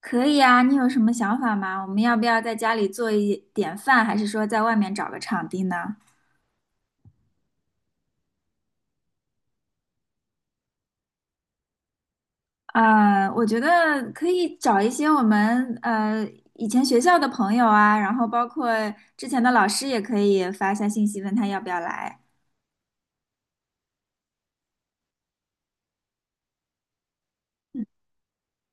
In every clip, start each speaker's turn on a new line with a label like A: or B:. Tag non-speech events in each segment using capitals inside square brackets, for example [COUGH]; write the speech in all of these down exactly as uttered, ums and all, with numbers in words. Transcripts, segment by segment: A: 可以啊，你有什么想法吗？我们要不要在家里做一点饭，还是说在外面找个场地呢？呃，我觉得可以找一些我们呃以前学校的朋友啊，然后包括之前的老师也可以发一下信息，问他要不要来。嗯，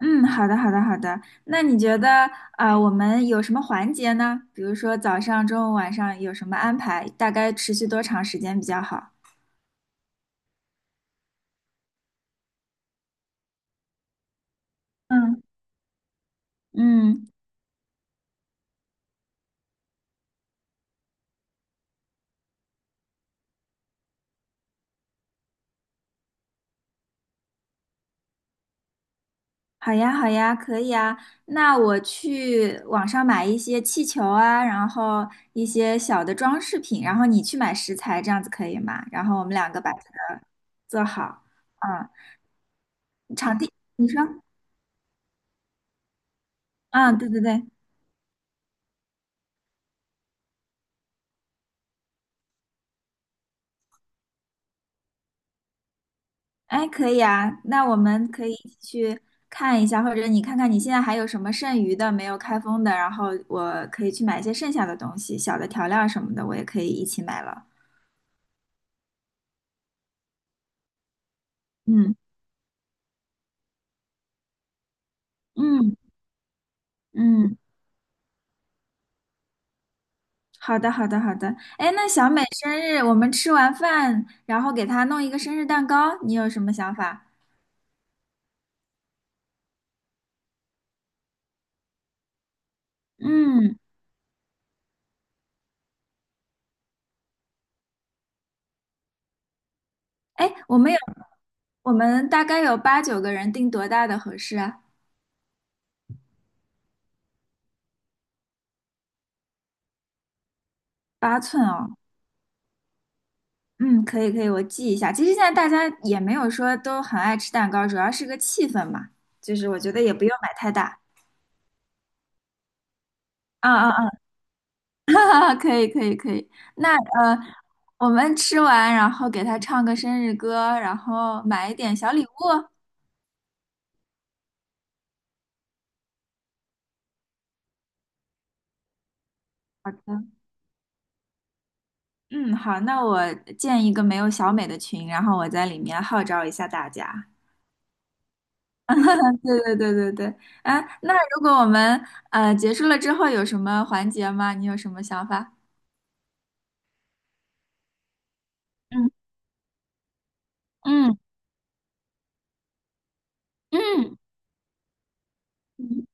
A: 嗯，好的，好的，好的。那你觉得啊，我们有什么环节呢？比如说早上、中午、晚上有什么安排？大概持续多长时间比较好？嗯，嗯，好呀，好呀，可以啊。那我去网上买一些气球啊，然后一些小的装饰品，然后你去买食材，这样子可以吗？然后我们两个把这个做好。嗯，你说？嗯，对对对，哎，可以啊。那我们可以一起去看一下，或者你看看你现在还有什么剩余的没有开封的，然后我可以去买一些剩下的东西，小的调料什么的，我也可以一起买了。嗯嗯嗯。好的，好的，好的。哎，那小美生日，我们吃完饭，然后给她弄一个生日蛋糕，你有什么想法？嗯，哎，我们有，我们大概有八九个人，定多大的合适啊？八寸哦。嗯，可以，可以，我记一下。其实现在大家也没有说都很爱吃蛋糕，主要是个气氛嘛。就是我觉得也不用买太大。啊啊啊！[LAUGHS] 可以，可以，可以。那呃，我们吃完，然后给她唱个生日歌，然后买一点小礼物。好的。嗯，好，那我建一个没有小美的群，然后我在里面号召一下大家。[LAUGHS] 对对对对对，啊，那如果我们呃结束了之后有什么环节吗？你有什么想法？嗯嗯嗯，嗯，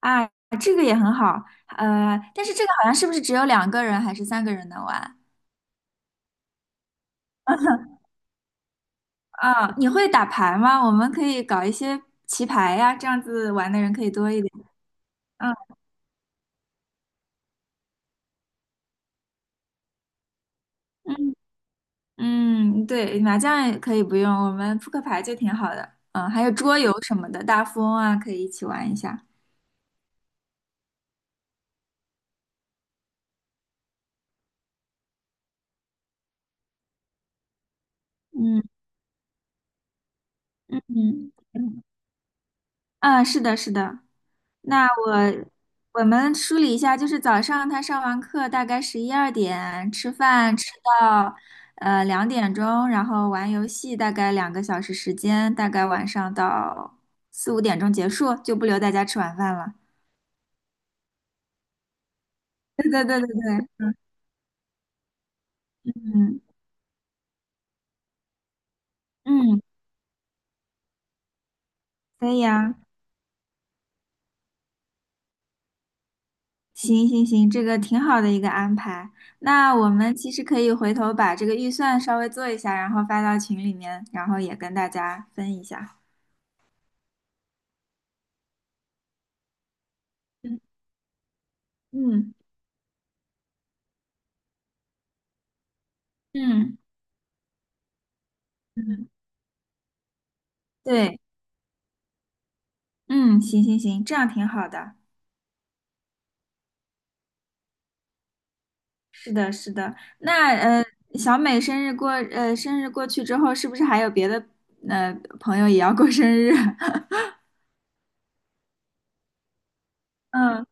A: 啊，这个也很好，呃，但是这个好像是不是只有两个人还是三个人能玩？[LAUGHS] 啊，你会打牌吗？我们可以搞一些棋牌呀，这样子玩的人可以多一点。嗯嗯，对，麻将也可以不用，我们扑克牌就挺好的。嗯，还有桌游什么的，大富翁啊，可以一起玩一下。嗯嗯嗯，嗯，啊是的，是的。那我我们梳理一下，就是早上他上完课大概十一二点吃饭，吃到呃两点钟，然后玩游戏大概两个小时时间，大概晚上到四五点钟结束，就不留大家吃晚饭了。[LAUGHS] 对对对对对，嗯嗯，可以啊。行行行，这个挺好的一个安排。那我们其实可以回头把这个预算稍微做一下，然后发到群里面，然后也跟大家分一下。嗯嗯嗯，嗯，对，嗯，行行行，这样挺好的。是的，是的。那呃，小美生日过呃生日过去之后，是不是还有别的呃朋友也要过生日？[LAUGHS] 嗯，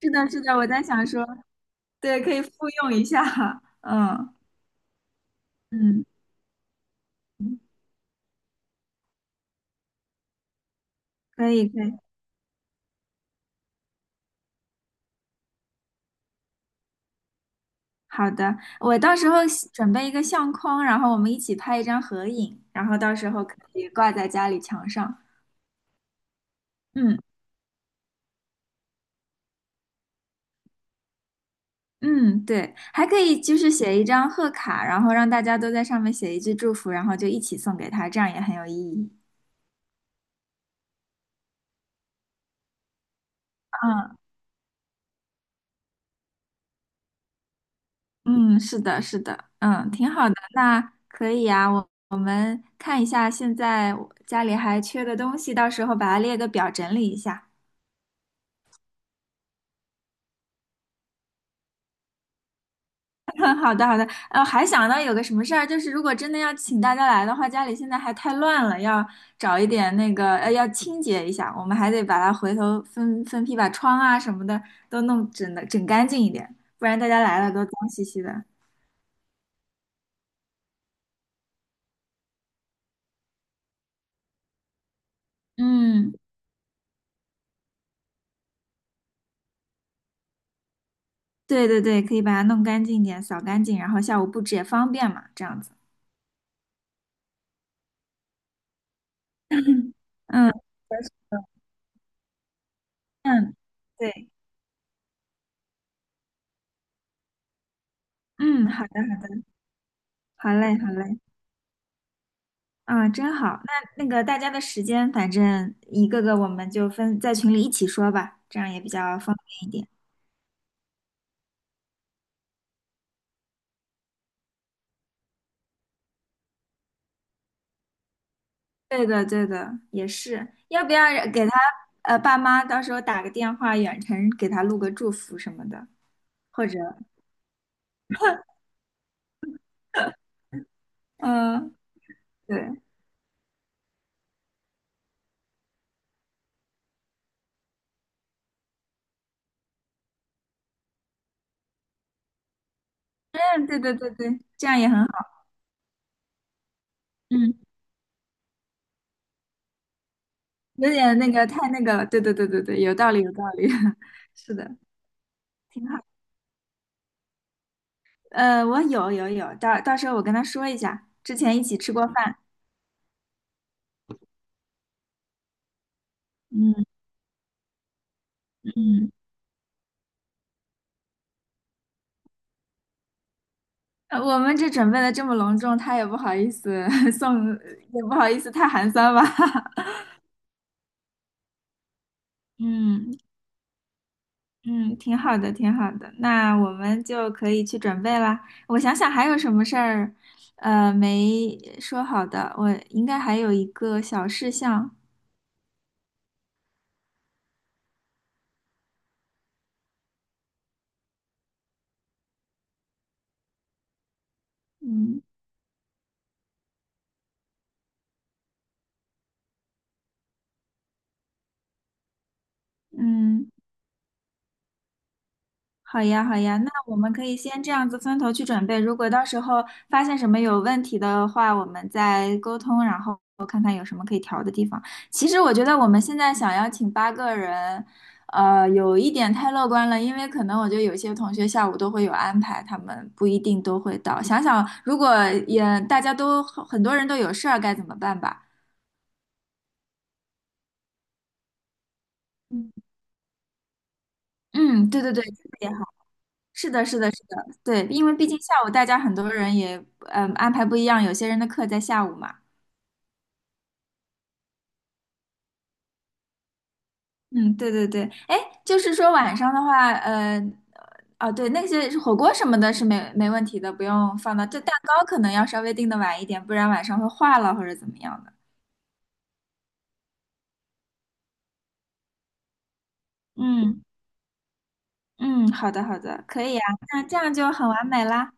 A: 是的，是的，我在想说，对，可以复用一下。[LAUGHS] 嗯嗯，可以可以。好的，我到时候喜准备一个相框，然后我们一起拍一张合影，然后到时候可以挂在家里墙上。嗯嗯，对，还可以就是写一张贺卡，然后让大家都在上面写一句祝福，然后就一起送给他，这样也很有意义。嗯嗯，是的，是的，嗯，挺好的。那可以啊，我我们看一下现在我家里还缺的东西，到时候把它列个表整理一下。好的，好的，呃，还想到有个什么事儿，就是如果真的要请大家来的话，家里现在还太乱了，要找一点那个，呃，要清洁一下，我们还得把它回头分分批把窗啊什么的都弄整的整干净一点，不然大家来了都脏兮兮的。嗯，对对对，可以把它弄干净一点，扫干净，然后下午布置也方便嘛，这样子。嗯嗯，对，嗯，好的好的，好嘞好嘞。啊，真好。那那个大家的时间，反正一个个我们就分在群里一起说吧，这样也比较方便一点。对的，对的，也是。要不要给他呃爸妈到时候打个电话，远程给他录个祝福什么的，或者嗯、对，嗯，对对对对，这样也很好。嗯，有点那个太那个了。对对对对对，有道理有道理。[LAUGHS] 是的，挺好。呃，我有有有，到到时候我跟他说一下，之前一起吃过饭。嗯嗯。呃我们这准备的这么隆重，他也不好意思 [LAUGHS] 送，也不好意思太寒酸吧。[LAUGHS] 嗯嗯，挺好的，挺好的。那我们就可以去准备啦。我想想还有什么事儿，呃，没说好的。我应该还有一个小事项。嗯嗯。好呀，好呀，那我们可以先这样子分头去准备。如果到时候发现什么有问题的话，我们再沟通，然后看看有什么可以调的地方。其实我觉得我们现在想要请八个人，呃，有一点太乐观了，因为可能我觉得有些同学下午都会有安排，他们不一定都会到。想想如果也大家都很多人都有事儿，该怎么办吧？嗯，嗯，对对对，这个也是的，是的，是的，对，因为毕竟下午大家很多人也嗯安排不一样，有些人的课在下午嘛。嗯，对对对，哎，就是说晚上的话，呃，哦，对，那些火锅什么的是没没问题的，不用放到。这蛋糕可能要稍微定的晚一点，不然晚上会化了或者怎么样的。嗯嗯，好的好的，可以啊，那这样就很完美啦。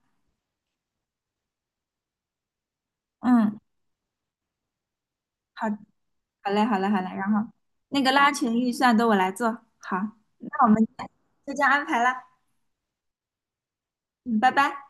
A: 嗯，好，好嘞，好嘞，好嘞。然后那个拉群预算都我来做，好，那我们就这样安排啦。嗯，拜拜。